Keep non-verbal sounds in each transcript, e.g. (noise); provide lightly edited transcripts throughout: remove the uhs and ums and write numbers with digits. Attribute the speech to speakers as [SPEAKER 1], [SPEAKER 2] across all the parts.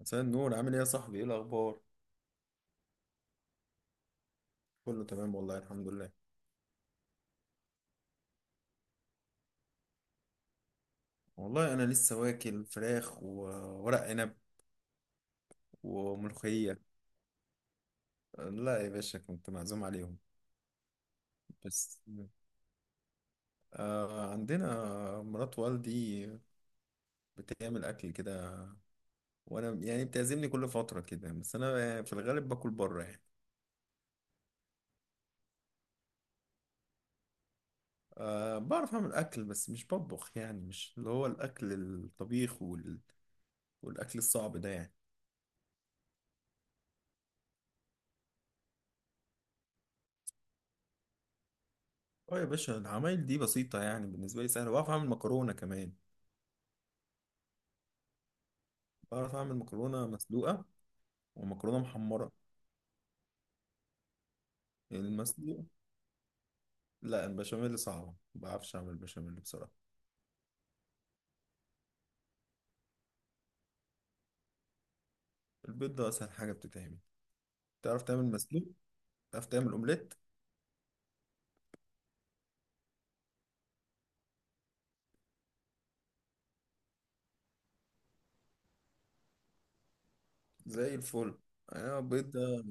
[SPEAKER 1] مساء النور، عامل ايه يا صاحبي؟ ايه الاخبار؟ كله تمام والله، الحمد لله. والله انا لسه واكل فراخ وورق عنب وملوخيه. لا يا باشا، كنت معزوم عليهم. بس آه عندنا مرات والدي بتعمل اكل كده، وانا يعني بتعزمني كل فتره كده، بس انا في الغالب باكل بره يعني. بعرف اعمل اكل بس مش بطبخ، يعني مش اللي هو الاكل الطبيخ والاكل الصعب ده يعني. اه يا باشا، العمايل دي بسيطه يعني، بالنسبه لي سهله. بعرف اعمل مكرونه كمان. بعرف أعمل مكرونة مسلوقة ومكرونة محمرة. المسلوق؟ لا البشاميل صعبة، مبعرفش أعمل بشاميل بصراحة. البيض ده أسهل حاجة بتتعمل. تعرف تعمل مسلوق، تعرف تعمل أومليت؟ زي الفل. أيوة البيض ده،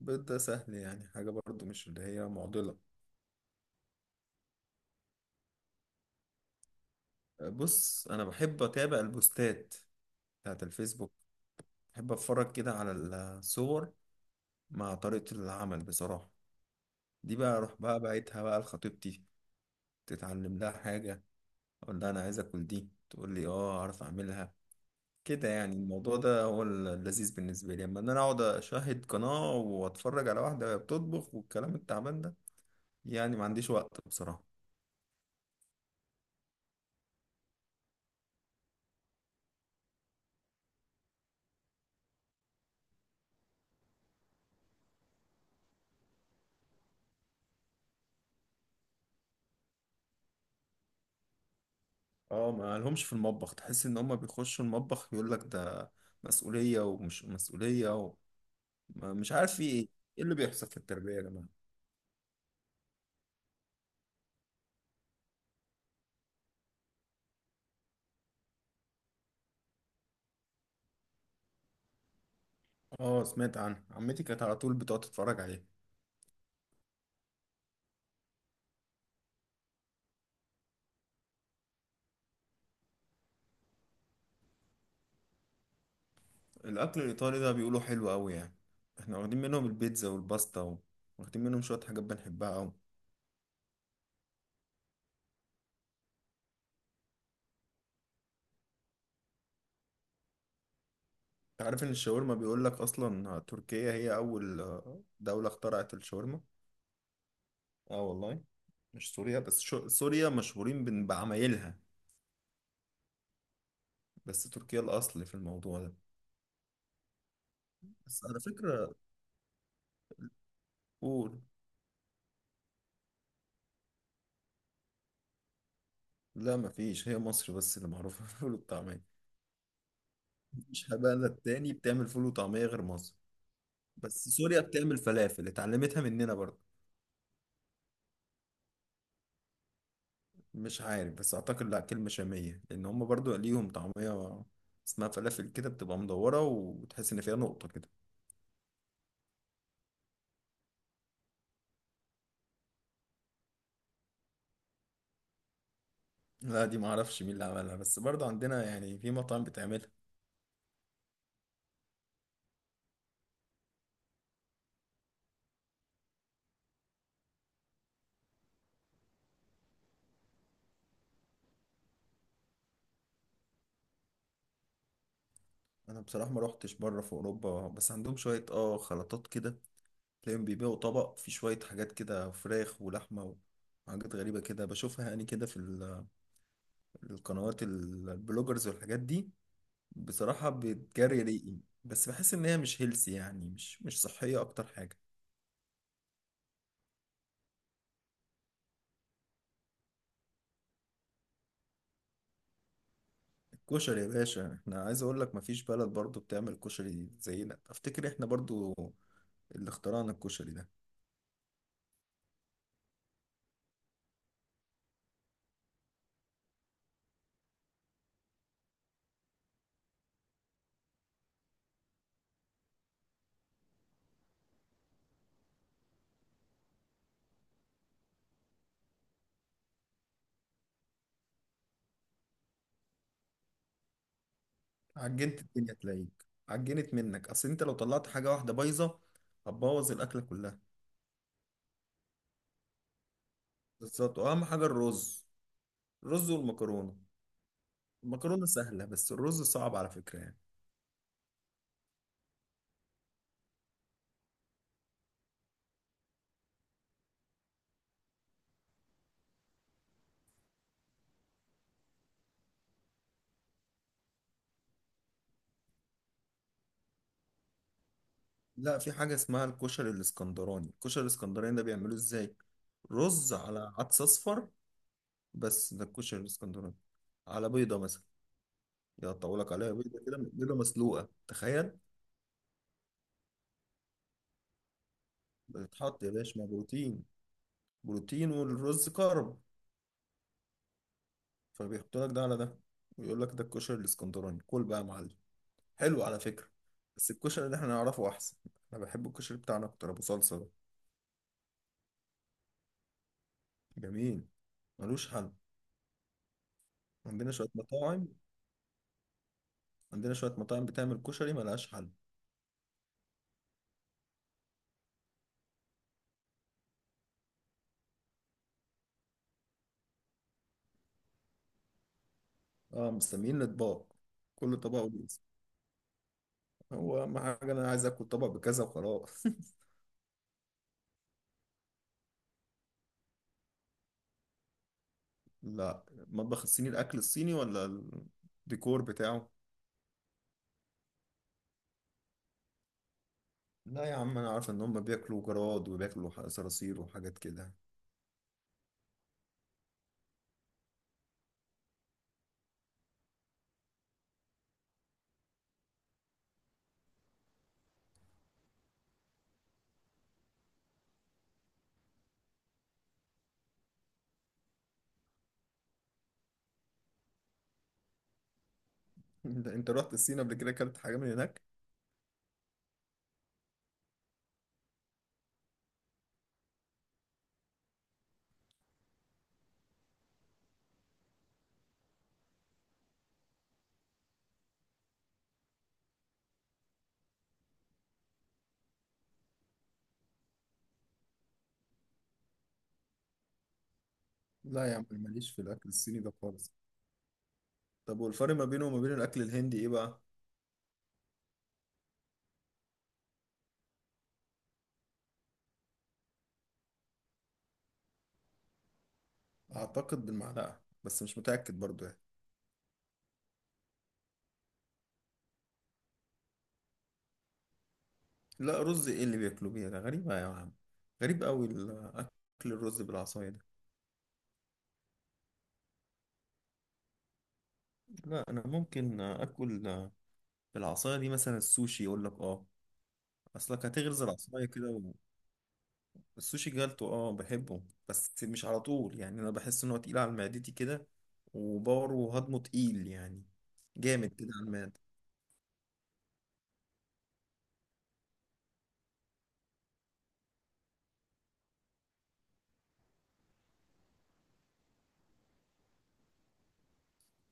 [SPEAKER 1] البيض ده سهل يعني، حاجة برضو مش اللي هي معضلة. بص أنا بحب أتابع البوستات بتاعت الفيسبوك. بحب أتفرج كده على الصور مع طريقة العمل بصراحة. دي بقى أروح بقى بعتها بقى لخطيبتي، تتعلم لها حاجة، اقول لها انا عايز اكل دي، تقول لي اه اعرف اعملها. كده يعني الموضوع ده هو اللذيذ بالنسبه لي، اما ان انا اقعد اشاهد قناه واتفرج على واحده وهي بتطبخ والكلام التعبان ده، يعني ما عنديش وقت بصراحه. اه ما لهمش في المطبخ، تحس ان هم بيخشوا المطبخ، يقول لك ده مسؤوليه ومش مسؤوليه و... ما- مش عارف في ايه. ايه اللي بيحصل في التربيه يا جماعه؟ اه سمعت عنها، عمتي كانت على طول بتقعد تتفرج عليها. الأكل الإيطالي ده بيقولوا حلو أوي يعني. احنا واخدين منهم البيتزا والباستا واخدين منهم شوية حاجات بنحبها أوي. انت عارف إن الشاورما بيقول لك أصلا تركيا هي أول دولة اخترعت الشاورما؟ اه والله. مش سوريا بس، سوريا مشهورين بعمايلها، بس تركيا الأصل في الموضوع ده. بس على فكرة. قول. لا مفيش، هي مصر بس اللي معروفة (laughs) بالفول والطعمية. مفيش بلد تاني بتعمل فول وطعمية غير مصر. بس سوريا بتعمل فلافل، اتعلمتها مننا برضه. مش عارف، بس اعتقد لا، كلمة شامية، لان هم برضو ليهم طعمية اسمها فلافل، كده بتبقى مدورة وتحس ان فيها نقطة كده. لا دي معرفش مين اللي عملها، بس برضو عندنا يعني في مطاعم بتعملها. انا بصراحة ما روحتش بره في اوروبا، بس عندهم شوية اه خلطات كده. تلاقيهم بيبيعوا طبق فيه شوية حاجات كده، فراخ ولحمة وحاجات غريبة كده، بشوفها يعني كده في القنوات البلوجرز والحاجات دي. بصراحة بتجري ريقي، بس بحس ان هي مش هيلسي يعني، مش صحية اكتر حاجة. كشري يا باشا، احنا عايز اقول لك مفيش بلد برضو بتعمل كشري زينا، افتكر احنا برضو اللي اخترعنا الكشري ده. عجنت الدنيا، تلاقيك عجنت منك، اصل انت لو طلعت حاجة واحدة بايظة هتبوظ الاكلة كلها. بالظبط، واهم حاجة الرز، الرز والمكرونة. المكرونة سهلة بس الرز صعب على فكرة يعني. لا في حاجة اسمها الكشري الاسكندراني. الكشري الاسكندراني ده بيعملوه ازاي؟ رز على عدس اصفر، بس ده الكشري الاسكندراني، على بيضة مثلا، يقطعولك عليها بيضة كده، بيضة مسلوقة، تخيل. بتتحط يا باشا مع بروتين، بروتين، والرز كارب. فبيحطوا لك ده على ده، ويقول لك ده الكشري الاسكندراني، كل بقى يا معلم. حلو على فكرة، بس الكشري اللي احنا نعرفه أحسن. أنا بحب الكشري بتاعنا أكتر، أبو صلصة ده. جميل، ملوش حل. عندنا شوية مطاعم. عندنا شوية مطاعم بتعمل كشري ملهاش حل. اه مسميين الأطباق، كل طبق وليه اسم. هو أهم حاجة أنا عايز آكل طبق بكذا وخلاص. (laughs) لا. المطبخ الصيني الاكل الصيني ولا الديكور بتاعه؟ لا يا عم، انا عارف ان هم بياكلوا جراد وبياكلوا صراصير وحاجات كده. (laughs) أنت رحت الصين قبل كده، اكلت حاجه من هناك؟ لا يا عم، أنا ماليش في الاكل الصيني ده خالص. طب والفرق ما بينه وما بين الاكل الهندي ايه بقى؟ اعتقد بالمعلقه، بس مش متاكد برضو يعني. لا رز ايه اللي بياكلوا بيه ده، غريبه يا عم، غريب قوي الاكل، الرز بالعصايه ده. لا انا ممكن اكل بالعصايه دي مثلا السوشي، يقول لك اه اصلك هتغرز العصايه كده. السوشي جالتو اه، بحبه، بس مش على طول يعني، انا بحس ان هو تقيل على معدتي كده، وباور وهضمه تقيل يعني، جامد كده على المعدة.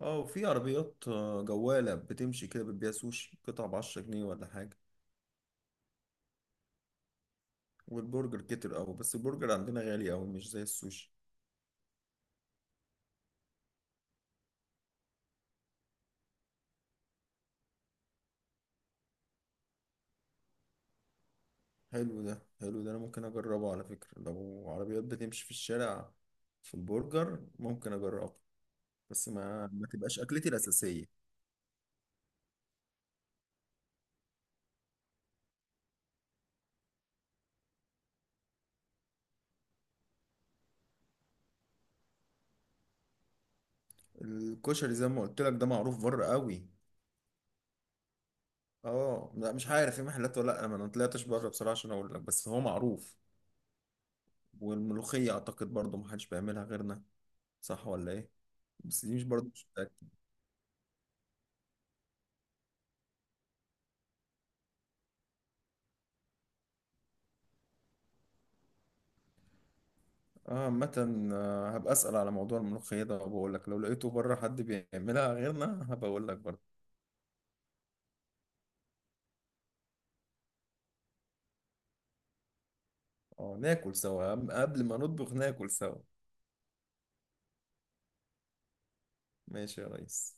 [SPEAKER 1] اه وفي عربيات جوالة بتمشي كده، بتبيع سوشي قطع بـ10 جنيه ولا حاجة. والبرجر كتر اوي، بس البرجر عندنا غالي اوي مش زي السوشي. حلو ده، حلو ده، انا ممكن اجربه على فكرة. لو عربيات بتمشي في الشارع في البرجر ممكن اجربه، بس ما تبقاش اكلتي الاساسية. الكشري زي ما قلت لك ده معروف بره قوي. اه لا مش عارف في محلات ولا لا، انا ما طلعتش بره بصراحه عشان اقول لك، بس هو معروف. والملوخيه اعتقد برضو ما حدش بيعملها غيرنا، صح ولا ايه؟ بس دي مش برضو مش متاكد. اه عامه، هبقى اسال على موضوع الملوخيه ده وبقول لك، لو لقيته بره حد بيعملها غيرنا هبقى اقول لك برضو. اه ناكل سوا، قبل ما نطبخ ناكل سوا. ماشي يا ريس.